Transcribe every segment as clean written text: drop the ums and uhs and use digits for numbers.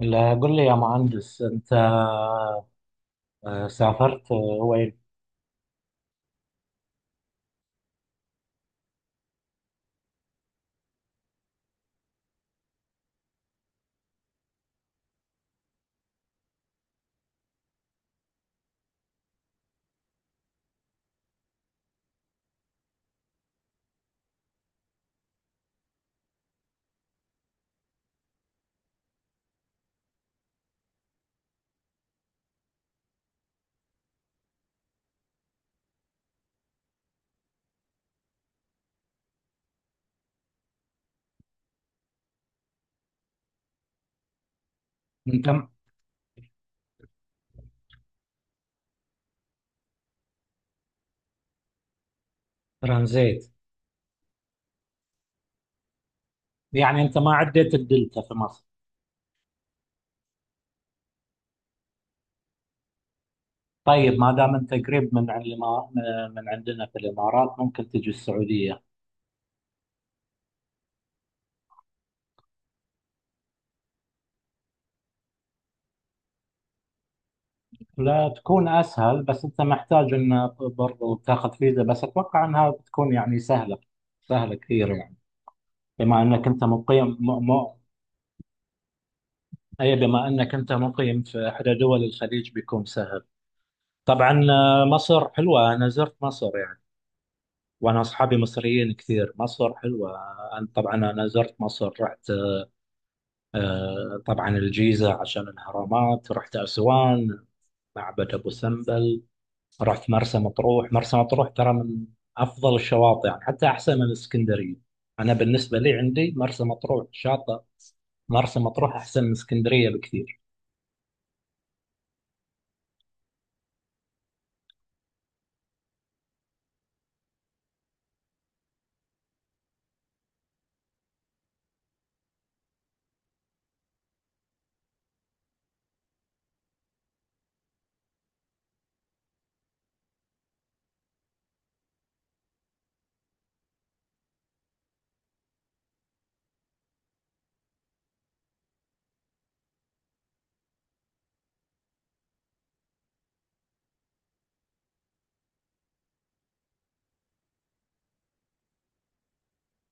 لا قل لي يا مهندس انت، سافرت، وين. انت م- ترانزيت. يعني انت ما عديت الدلتا في مصر؟ طيب ما دام انت قريب من من عندنا في الامارات ممكن تجي السعوديه. لا تكون اسهل، بس انت محتاج ان برضو تاخذ فيزا، بس اتوقع انها بتكون يعني سهله، سهله كثير يعني، بما انك انت مقيم اي، بما انك انت مقيم في احدى دول الخليج بيكون سهل. طبعا، مصر حلوه، انا زرت مصر يعني، وانا اصحابي مصريين كثير، مصر حلوه. أنا طبعا زرت مصر، رحت، طبعا الجيزه عشان الاهرامات، رحت اسوان، معبد ابو سمبل، رحت مرسى مطروح. مرسى مطروح ترى من افضل الشواطئ يعني، حتى احسن من اسكندريه. انا بالنسبه لي عندي مرسى مطروح شاطئ، مرسى مطروح احسن من اسكندريه بكثير.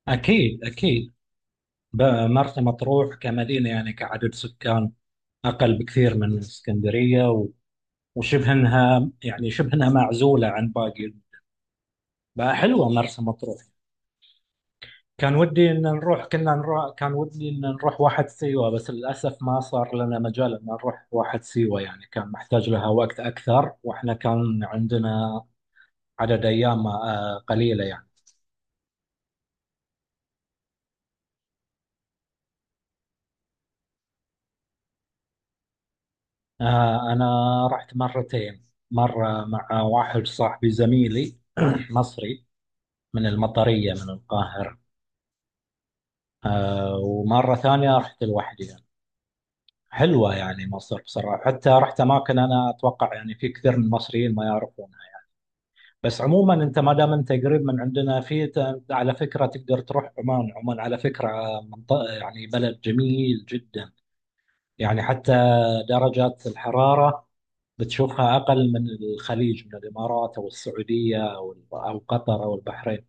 اكيد اكيد. ب- مرسى مطروح كمدينه، يعني كعدد سكان، اقل بكثير من اسكندريه، وشبه انها يعني شبه انها معزوله عن باقي، فحلوه مرسى مطروح. كان ودي ان نروح، كنا نروح، كان ودي ان نروح واحد سيوه، بس للاسف ما صار لنا مجال ان نروح واحد سيوه، يعني كان محتاج لها وقت اكثر، واحنا كان عندنا عدد ايام، قليله يعني. انا رحت مرتين، مره مع واحد صاحبي زميلي مصري، من المطريه من القاهره، ومره ثانيه رحت لوحدي. حلوة يعني مصر بصراحة، حتى رحت أماكن أنا أتوقع يعني في كثير من المصريين ما يعرفونها. بس عموما أنت ما دام أنت قريب من عندنا على فكرة تقدر تروح عمان، عمان على فكرة منطقة، يعني بلد جميل جدا، يعني حتى درجات الحرارة بتشوفها أقل من الخليج، من الإمارات أو السعودية أو قطر أو البحرين.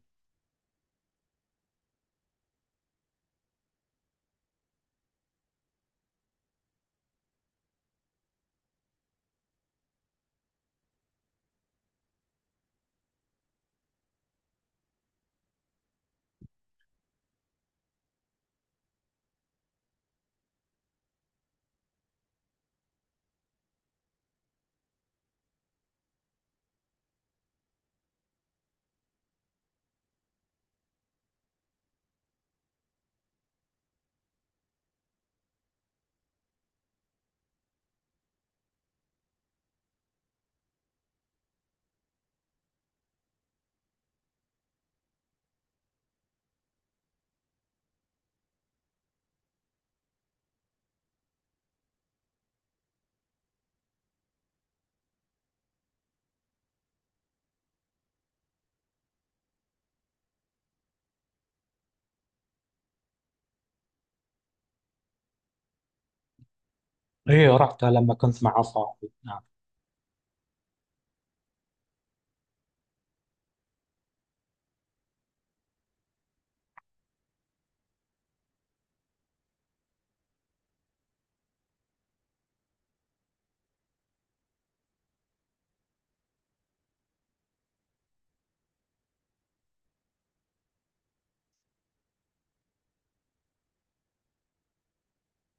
إيه رحتها لما كنت مع صاحبي، نعم.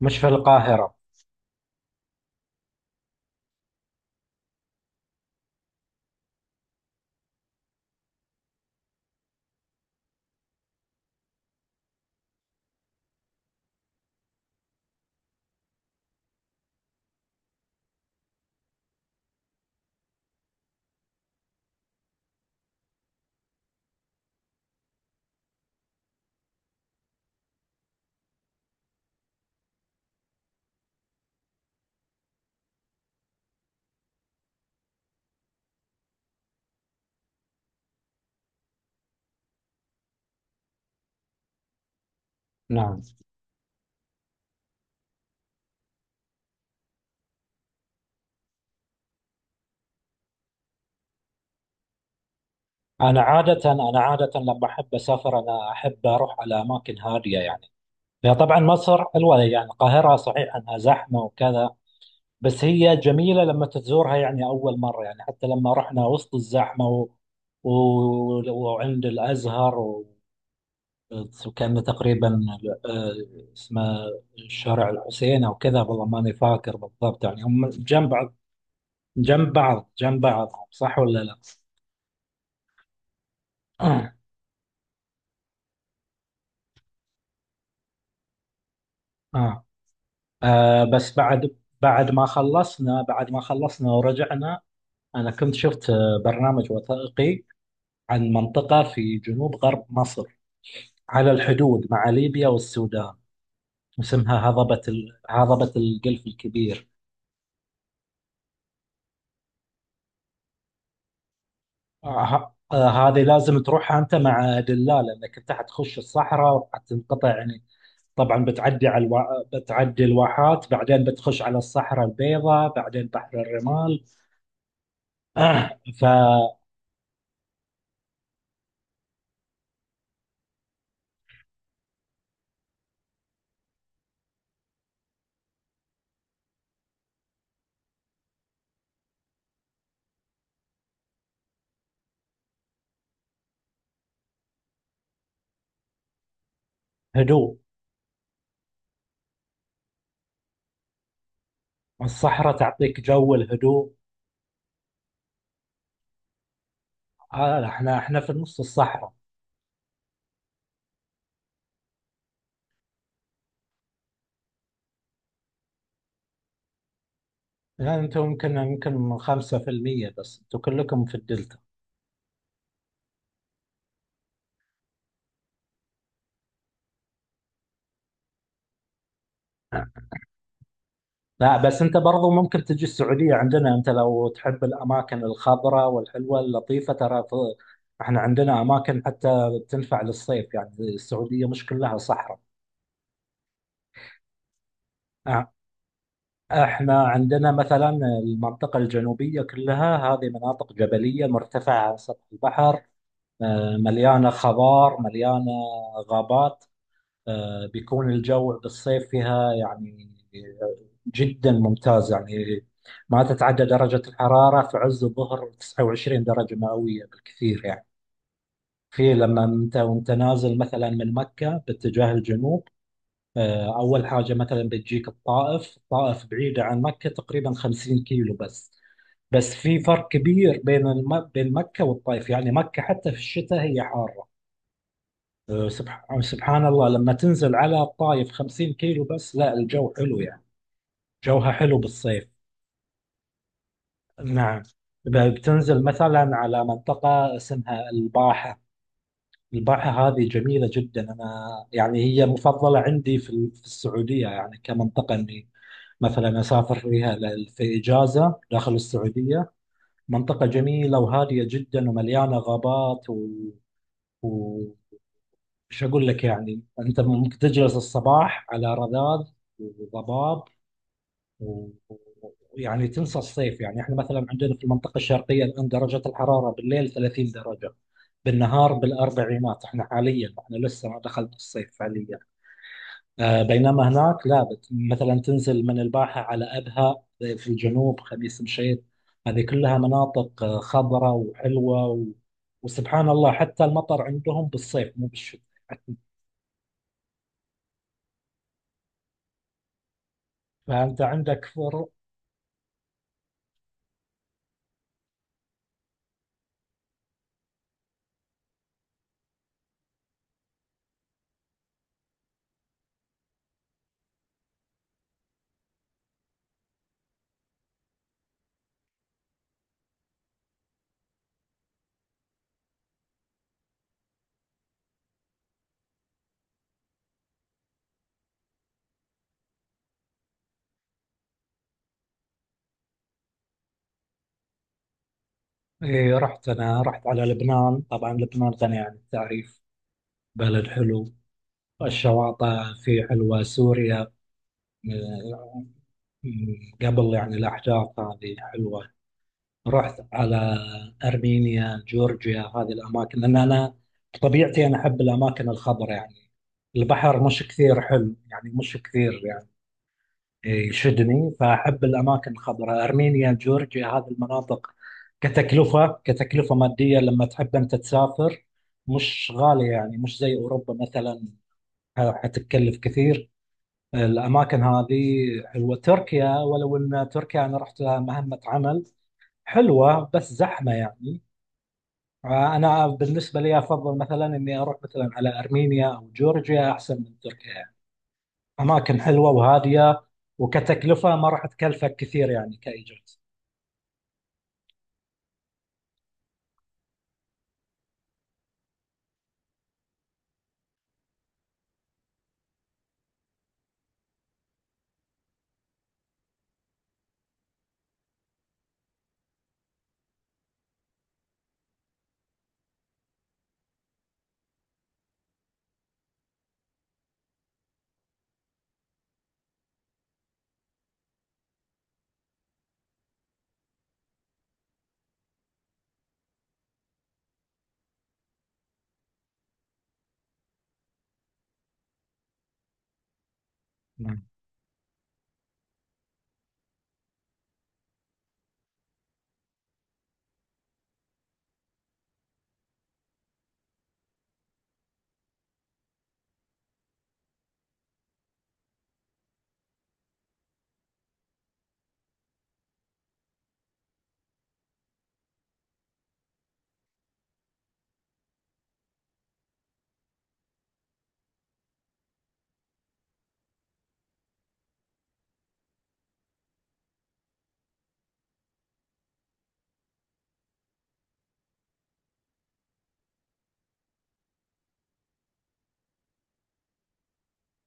مش في القاهرة، نعم. أنا عادة، أنا عادة لما أحب أسافر أنا أحب أروح على أماكن هادية يعني. هي طبعا مصر حلوة، يعني القاهرة صحيح أنها زحمة وكذا، بس هي جميلة لما تزورها يعني أول مرة، يعني حتى لما رحنا وسط الزحمة و... وعند الأزهر، وكان تقريبا آه، اسمه شارع الحسين أو كذا، والله ماني فاكر بالضبط، يعني هم جنب بعض. جنب بعض، جنب بعض، صح ولا لا؟ آه. آه بس بعد، بعد ما خلصنا ورجعنا، أنا كنت شفت، برنامج وثائقي عن منطقة في جنوب غرب مصر، على الحدود مع ليبيا والسودان، اسمها هضبة الجلف الكبير. آه، هذه لازم تروحها أنت مع دلال، لأنك أنت حتخش الصحراء وحتنقطع يعني. طبعا بتعدي الواحات، بعدين بتخش على الصحراء البيضاء، بعدين بحر الرمال. فهدوء الصحراء تعطيك جو الهدوء. آه، احنا في نص الصحراء. يعني انتم يمكن، يمكن 5% بس، انتم كلكم في الدلتا. لا، بس انت برضو ممكن تجي السعودية عندنا، انت لو تحب الاماكن الخضراء والحلوة اللطيفة ترى، احنا عندنا اماكن حتى تنفع للصيف، يعني السعودية مش كلها صحراء. اه، احنا عندنا مثلا المنطقة الجنوبية كلها، هذه مناطق جبلية مرتفعة عن سطح البحر، مليانة خضار، مليانة غابات. بيكون الجو بالصيف فيها يعني جدا ممتاز يعني، ما تتعدى درجة الحرارة في عز الظهر 29 درجة مئوية بالكثير يعني. في لما انت، وانت نازل مثلا من مكة باتجاه الجنوب، اول حاجة مثلا بتجيك الطائف، الطائف بعيدة عن مكة تقريبا 50 كيلو بس، بس في فرق كبير بين مكة والطائف، يعني مكة حتى في الشتاء هي حارة. أه، سبح- آه، سبحان الله لما تنزل على الطايف، 50 كيلو بس، لا الجو حلو يعني، جوها حلو بالصيف. نعم. بتنزل مثلا على منطقة اسمها الباحة، الباحة هذه جميلة جدا. أنا يعني هي مفضلة عندي في السعودية، يعني كمنطقة إني مثلا أسافر فيها، في إجازة داخل السعودية. منطقة جميلة وهادية جدا ومليانة غابات و... مش هقول لك، يعني انت ممكن تجلس الصباح على رذاذ وضباب و- ويعني تنسى الصيف. يعني احنا مثلا عندنا في المنطقه الشرقيه الان درجه الحراره بالليل 30 درجه، بالنهار بالاربعينات، احنا حاليا احنا لسه ما دخلت الصيف فعليا. آه، بينما هناك لا، مثلا تنزل من الباحه على ابها في الجنوب، خميس مشيط، هذه كلها مناطق، خضراء وحلوه، وسبحان الله حتى المطر عندهم بالصيف مو بالشتاء، فأنت عندك. إيه رحت، أنا رحت على لبنان، طبعا لبنان غني عن التعريف، بلد حلو، الشواطئ فيه حلوة. سوريا م- قبل يعني الأحداث هذه حلوة. رحت على أرمينيا، جورجيا، هذه الأماكن، لأن أنا طبيعتي أنا أحب الأماكن الخضراء يعني، البحر مش كثير حلو يعني، مش كثير يعني يشدني، فأحب الأماكن الخضراء، أرمينيا جورجيا هذه المناطق. كتكلفة، كتكلفة مادية لما تحب أنت تسافر، مش غالية يعني، مش زي أوروبا مثلا، حتتكلف كثير. الأماكن هذه حلوة. تركيا، ولو أن تركيا أنا رحت لها مهمة عمل، حلوة بس زحمة يعني. أنا بالنسبة لي أفضل مثلا إني أروح مثلا على أرمينيا أو جورجيا أحسن من تركيا، اماكن حلوه وهاديه، وكتكلفه ما راح تكلفك كثير يعني كايجار. مم.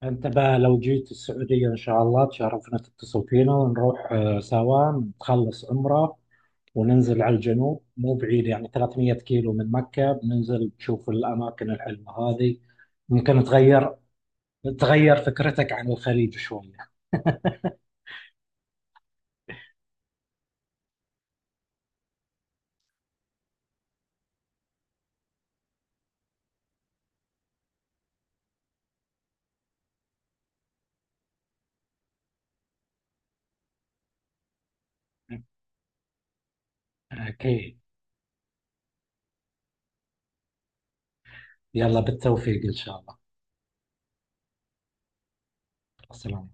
انت بقى لو جيت السعوديه ان شاء الله تشرفنا، تتصل فينا ونروح، سوا نتخلص عمره وننزل على الجنوب، مو بعيد يعني 300 كيلو من مكه، بننزل نشوف الاماكن الحلوه هذه. ممكن تغير، تغير فكرتك عن الخليج شويه. اكيد. يلا بالتوفيق ان شاء الله. السلام.